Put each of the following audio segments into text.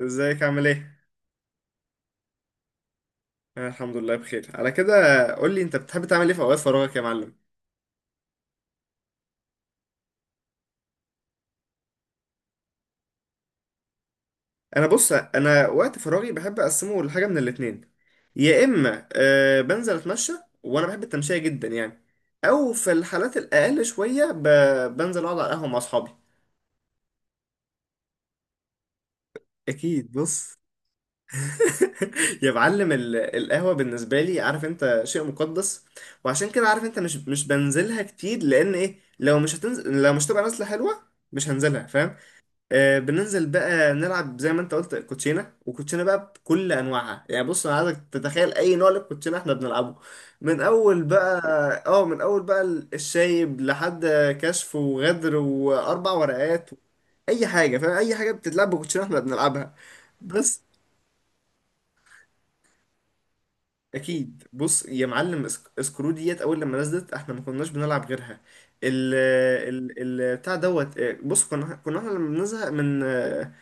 ازيك عامل ايه؟ انا الحمد لله بخير على كده. قول لي انت بتحب تعمل ايه في اوقات فراغك يا معلم؟ انا بص، انا وقت فراغي بحب اقسمه لحاجه من الاتنين. يا اما أه بنزل اتمشى، وانا بحب التمشيه جدا يعني، او في الحالات الاقل شويه بنزل اقعد على القهوه مع اصحابي. اكيد بص. يا معلم القهوه بالنسبه لي، عارف انت، شيء مقدس. وعشان كده عارف انت مش بنزلها كتير، لان ايه، لو مش هتنزل، لو مش تبقى نازله حلوه مش هنزلها، فاهم؟ بننزل بقى نلعب زي ما انت قلت كوتشينه، وكوتشينه بقى بكل انواعها يعني. بص انا عايزك تتخيل اي نوع للكوتشينه احنا بنلعبه، من اول بقى. اه من اول بقى، الشايب لحد كشف وغدر واربع ورقات، اي حاجه، فاهم؟ اي حاجه بتتلعب بكوتشينه احنا بنلعبها بس. اكيد بص يا معلم، سكرو ديت اول لما نزلت احنا ما كناش بنلعب غيرها. ال بتاع دوت، بص كنا احنا لما بنزهق من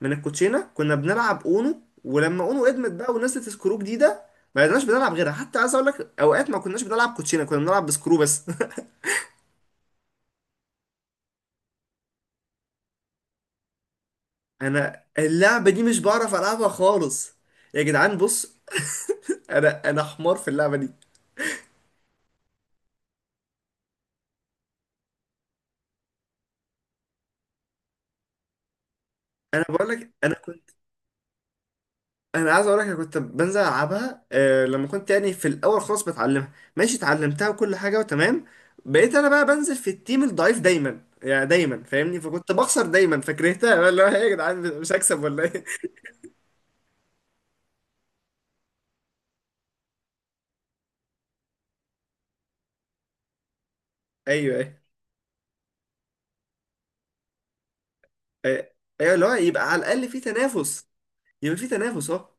من الكوتشينه كنا بنلعب اونو، ولما اونو ادمت بقى ونزلت سكرو جديده ما بقيناش بنلعب غيرها. حتى عايز اقول لك اوقات ما كناش بنلعب كوتشينه، كنا بنلعب بسكرو بس. انا اللعبه دي مش بعرف العبها خالص يا جدعان. بص انا حمار في اللعبه دي. انا بقول لك انا كنت انا عايز اقول لك انا كنت بنزل العبها آه لما كنت يعني في الاول خالص بتعلمها. ماشي، اتعلمتها وكل حاجه وتمام، بقيت انا بقى بنزل في التيم الضعيف دايما يعني، دايما فاهمني، فكنت بخسر دايما فكرهتها. بقى اللي هو إيه يا جدعان، مش هكسب ولا ايه؟ ايوه ايوه ايوه، أيوة، اللي هو يبقى على الاقل في تنافس، يبقى في تنافس اه.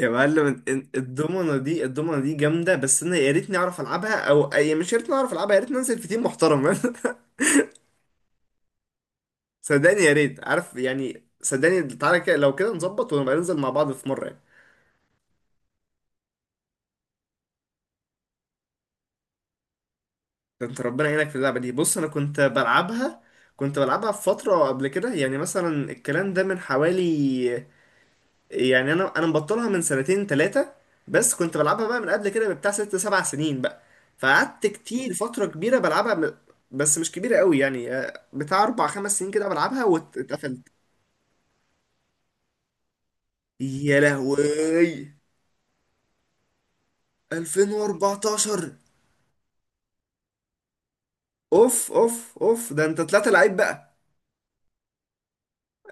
يا معلم الضمنه دي جامده، بس انا يا ريتني اعرف العبها، او أي يعني مش يا ريتني اعرف العبها، يا ريتني انزل في تيم محترم. صدقني يا ريت، عارف يعني، صدقني تعالى كده، لو كده نظبط ونبقى ننزل مع بعض في مره يعني. ده انت ربنا يعينك في اللعبه دي. بص انا كنت بلعبها، كنت بلعبها في فتره قبل كده، يعني مثلا الكلام ده من حوالي، يعني انا مبطلها من سنتين ثلاثه، بس كنت بلعبها بقى من قبل كده بتاع ست سبع سنين بقى. فقعدت كتير، فتره كبيره بلعبها، بس مش كبيره قوي يعني، بتاع اربع خمس سنين كده بلعبها واتقفلت. يا لهوي. 2014. اوف اوف اوف، ده انت طلعت لعيب بقى.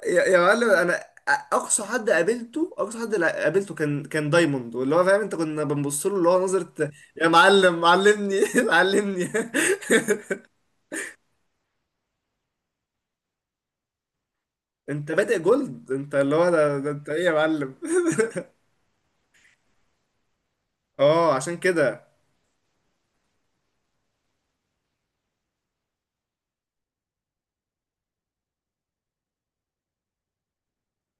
يا يا معلم، انا اقصى حد قابلته، اقصى حد قابلته كان دايموند، واللي هو فاهم انت كنا بنبص له اللي هو نظره. يا معلم علمني علمني. انت بادئ جولد، انت اللي هو ده انت ايه يا معلم؟ اه عشان كده.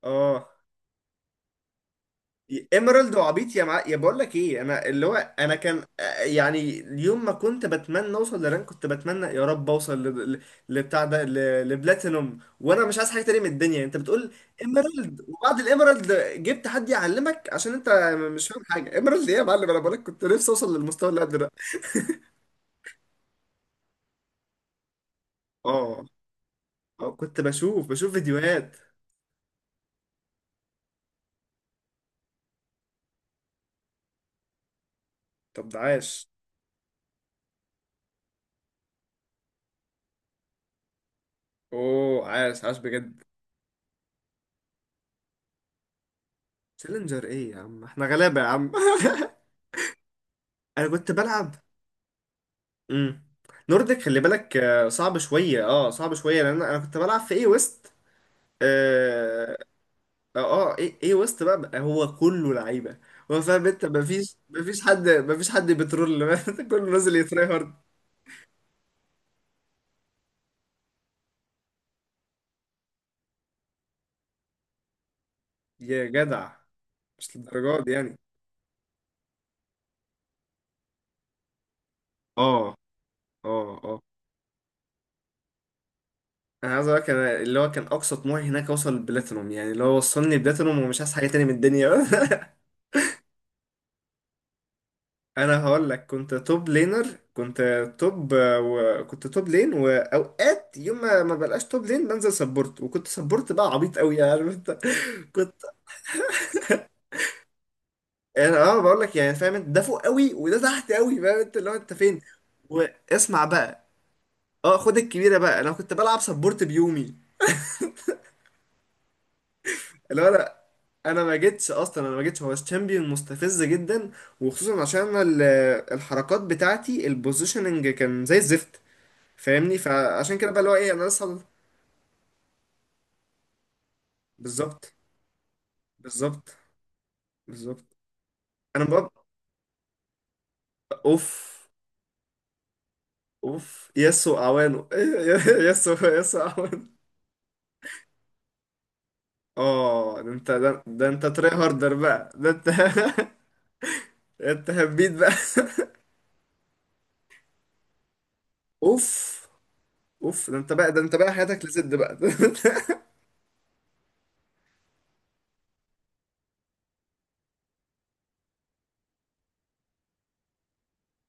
اه ايمرالد وعبيط يا مع...، يا بقول لك ايه، انا اللي هو انا كان، يعني اليوم ما كنت بتمنى اوصل لرانك، كنت بتمنى يا رب اوصل ل... ل... لبتاع ده ل... لبلاتينوم، وانا مش عايز حاجه تانية من الدنيا. انت بتقول ايمرالد، وبعد الايمرالد جبت حد يعلمك عشان انت مش فاهم حاجه. ايمرالد ايه يا معلم؟ انا بقول لك كنت نفسي اوصل للمستوى اللي قبل ده. اه كنت بشوف فيديوهات. طب ده عاش. اوه عاش عاش بجد. تشالنجر ايه يا عم، احنا غلابة يا عم. انا كنت بلعب. امم، نورديك، خلي بالك، صعب شويه، اه صعب شويه لان انا كنت بلعب في اي ويست. اه. اه، اي ويست بقى هو كله لعيبه، هو فاهم انت مفيش حد بترول. كله نازل يتراي هارد. يا جدع، مش للدرجه دي يعني. اه اه اه، انا عايز اقول لك انا اللي هو كان اقصى طموحي هناك اوصل البلاتينوم، يعني اللي هو وصلني بلاتينوم ومش عايز حاجه تاني من الدنيا. انا هقول لك، كنت توب لينر، كنت توب، وكنت توب لين، واوقات يوم ما بلقاش توب لين بنزل سبورت، وكنت سبورت بقى عبيط قوي يعني، عارف انت. كنت، يعني اه بقول لك يعني فاهم انت، ده فوق قوي وده تحت قوي، فاهم انت، اللي هو انت فين. واسمع بقى، اه خد الكبيره بقى، انا كنت بلعب سبورت بيومي. اللي هو لا، انا ما جيتش اصلا، انا ما جيتش، هو الشامبيون مستفز جدا، وخصوصا عشان الحركات بتاعتي البوزيشننج كان زي الزفت، فاهمني، فعشان كده بقى اللي هو ايه انا لسه. بالظبط بالظبط بالظبط. انا بقى اوف، اوف ياسو اعوانه. ياسو ياسو اعوانه. اه ده انت ده انت تري هاردر بقى، ده انت. ده انت هبيت بقى. اوف. اوف، ده انت بقى، ده انت بقى حياتك لزد بقى.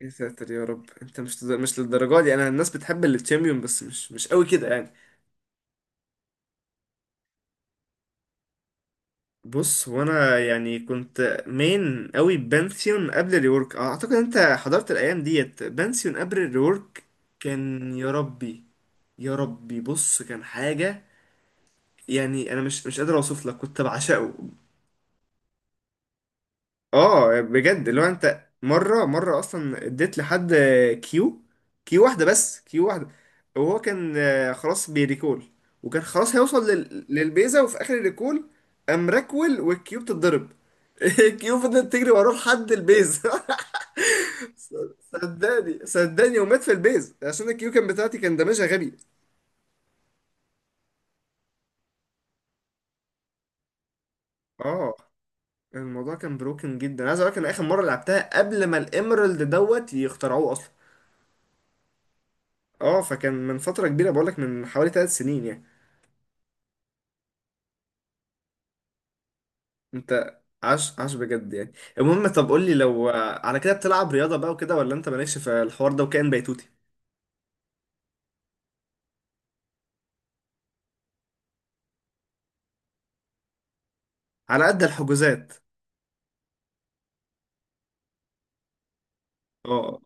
يا ساتر يا رب، انت مش للدرجه دي. انا الناس بتحب التشامبيون، بس مش قوي كده يعني. بص، وانا يعني كنت مين قوي، بانثيون قبل الريورك. اعتقد انت حضرت الايام ديت، بانثيون قبل الريورك. كان يا ربي، يا ربي بص كان حاجة، يعني انا مش قادر اوصف لك كنت بعشقه. اه بجد، اللي هو انت مره اصلا اديت لحد كيو، كيو واحده بس، كيو واحده. وهو كان خلاص بيريكول، وكان خلاص هيوصل للبيزا، وفي اخر الريكول قام راكول والكيو بتتضرب. الكيو فضلت تجري وراه لحد البيزا. صدقني صدقني، ومات في البيز عشان الكيو كان بتاعتي كان دمجها غبي. اه الموضوع كان بروكن جدا، عايز اقول لك، انا اخر مره لعبتها قبل ما الاميرالد دوت يخترعوه اصلا. اه فكان من فترة كبيرة، بقولك من حوالي ثلاث سنين يعني. انت عاش عاش بجد يعني. المهم، طب قولي، لو على كده بتلعب رياضة بقى وكده، ولا انت مالكش في الحوار ده وكائن بيتوتي؟ على قد الحجوزات. اه،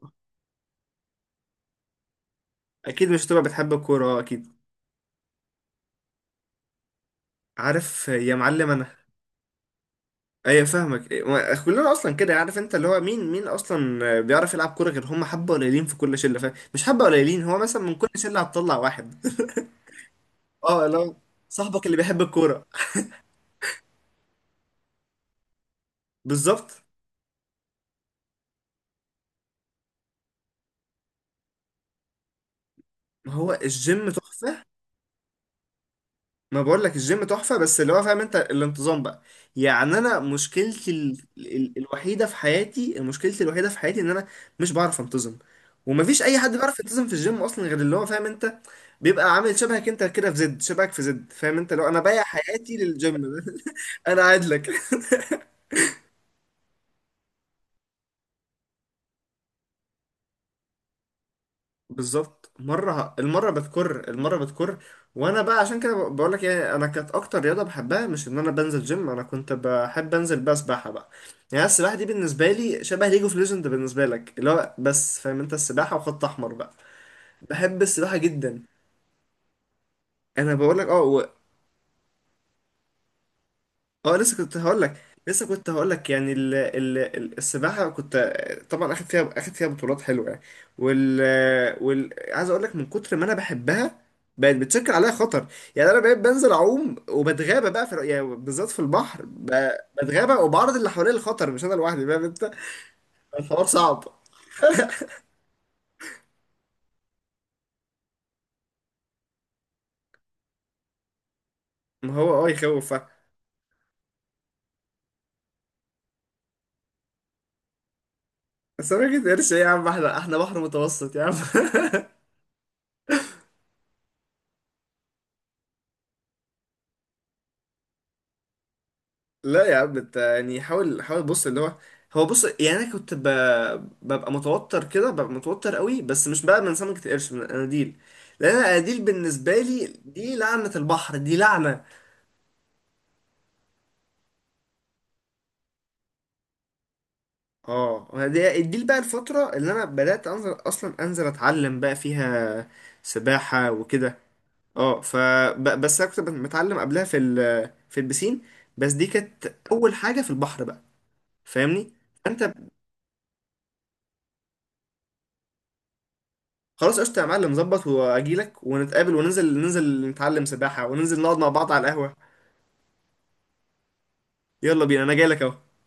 اكيد مش تبقى بتحب الكورة، اكيد. عارف يا معلم انا، ايوه فاهمك إيه، كلنا اصلا كده، عارف انت اللي هو مين مين اصلا بيعرف يلعب كورة، غير هم حبة قليلين في كل شلة، فاهم؟ مش حبة قليلين، هو مثلا من كل شلة هتطلع واحد. اه، لو صاحبك اللي بيحب الكورة. بالظبط. ما هو الجيم تحفة. ما بقول لك الجيم تحفة، بس اللي هو فاهم انت الانتظام بقى. يعني انا مشكلتي الوحيدة في حياتي، مشكلتي الوحيدة في حياتي ان انا مش بعرف انتظم. ومفيش اي حد بيعرف ينتظم في الجيم اصلا غير اللي هو فاهم انت بيبقى عامل شبهك انت كده في زد، شبهك في زد، فاهم انت، لو انا بايع حياتي للجيم. انا قاعد لك. بالظبط، مرة المرة بتكر، المرة بتكر. وانا بقى عشان كده بقول لك يعني، انا كانت اكتر رياضة بحبها مش ان انا بنزل جيم، انا كنت بحب انزل بقى سباحة بقى. يعني السباحة دي بالنسبة لي شبه ليج اوف ليجند بالنسبة لك، اللي هو بس فاهم انت السباحة وخط احمر بقى. بحب السباحة جدا. انا بقول لك اه. اه لسه كنت هقول لك، لسه كنت هقول لك يعني السباحه، كنت طبعا اخد فيها بطولات حلوه يعني. وال وال عايز اقول لك من كتر ما انا بحبها بقت بتشكل عليها خطر. يعني انا بقيت بنزل اعوم وبتغابى بقى في يعني، بالذات في البحر، بتغابى وبعرض اللي حواليا للخطر، مش انا لوحدي، فاهم انت. الحوار صعب. ما هو اه يخوف فعلا. بس انا كده، قرش ايه يا عم، احنا احنا بحر متوسط يا عم. لا يا عم، انت يعني حاول حاول، بص اللي هو، هو بص يعني انا كنت ببقى متوتر كده، ببقى متوتر قوي، بس مش بقى من سمكة القرش، من الاناديل، لان الاناديل بالنسبة لي دي لعنة البحر، دي لعنة. اه، دي دي بقى الفترة اللي انا بدأت انزل اصلا انزل اتعلم بقى فيها سباحة وكده. اه ف بس انا كنت متعلم قبلها في البسين، بس دي كانت اول حاجة في البحر بقى، فاهمني. فانت خلاص قشطة يا معلم، ظبط، واجيلك ونتقابل وننزل، ننزل نتعلم سباحة وننزل نقعد مع بعض على القهوة. يلا بينا، انا جايلك اهو.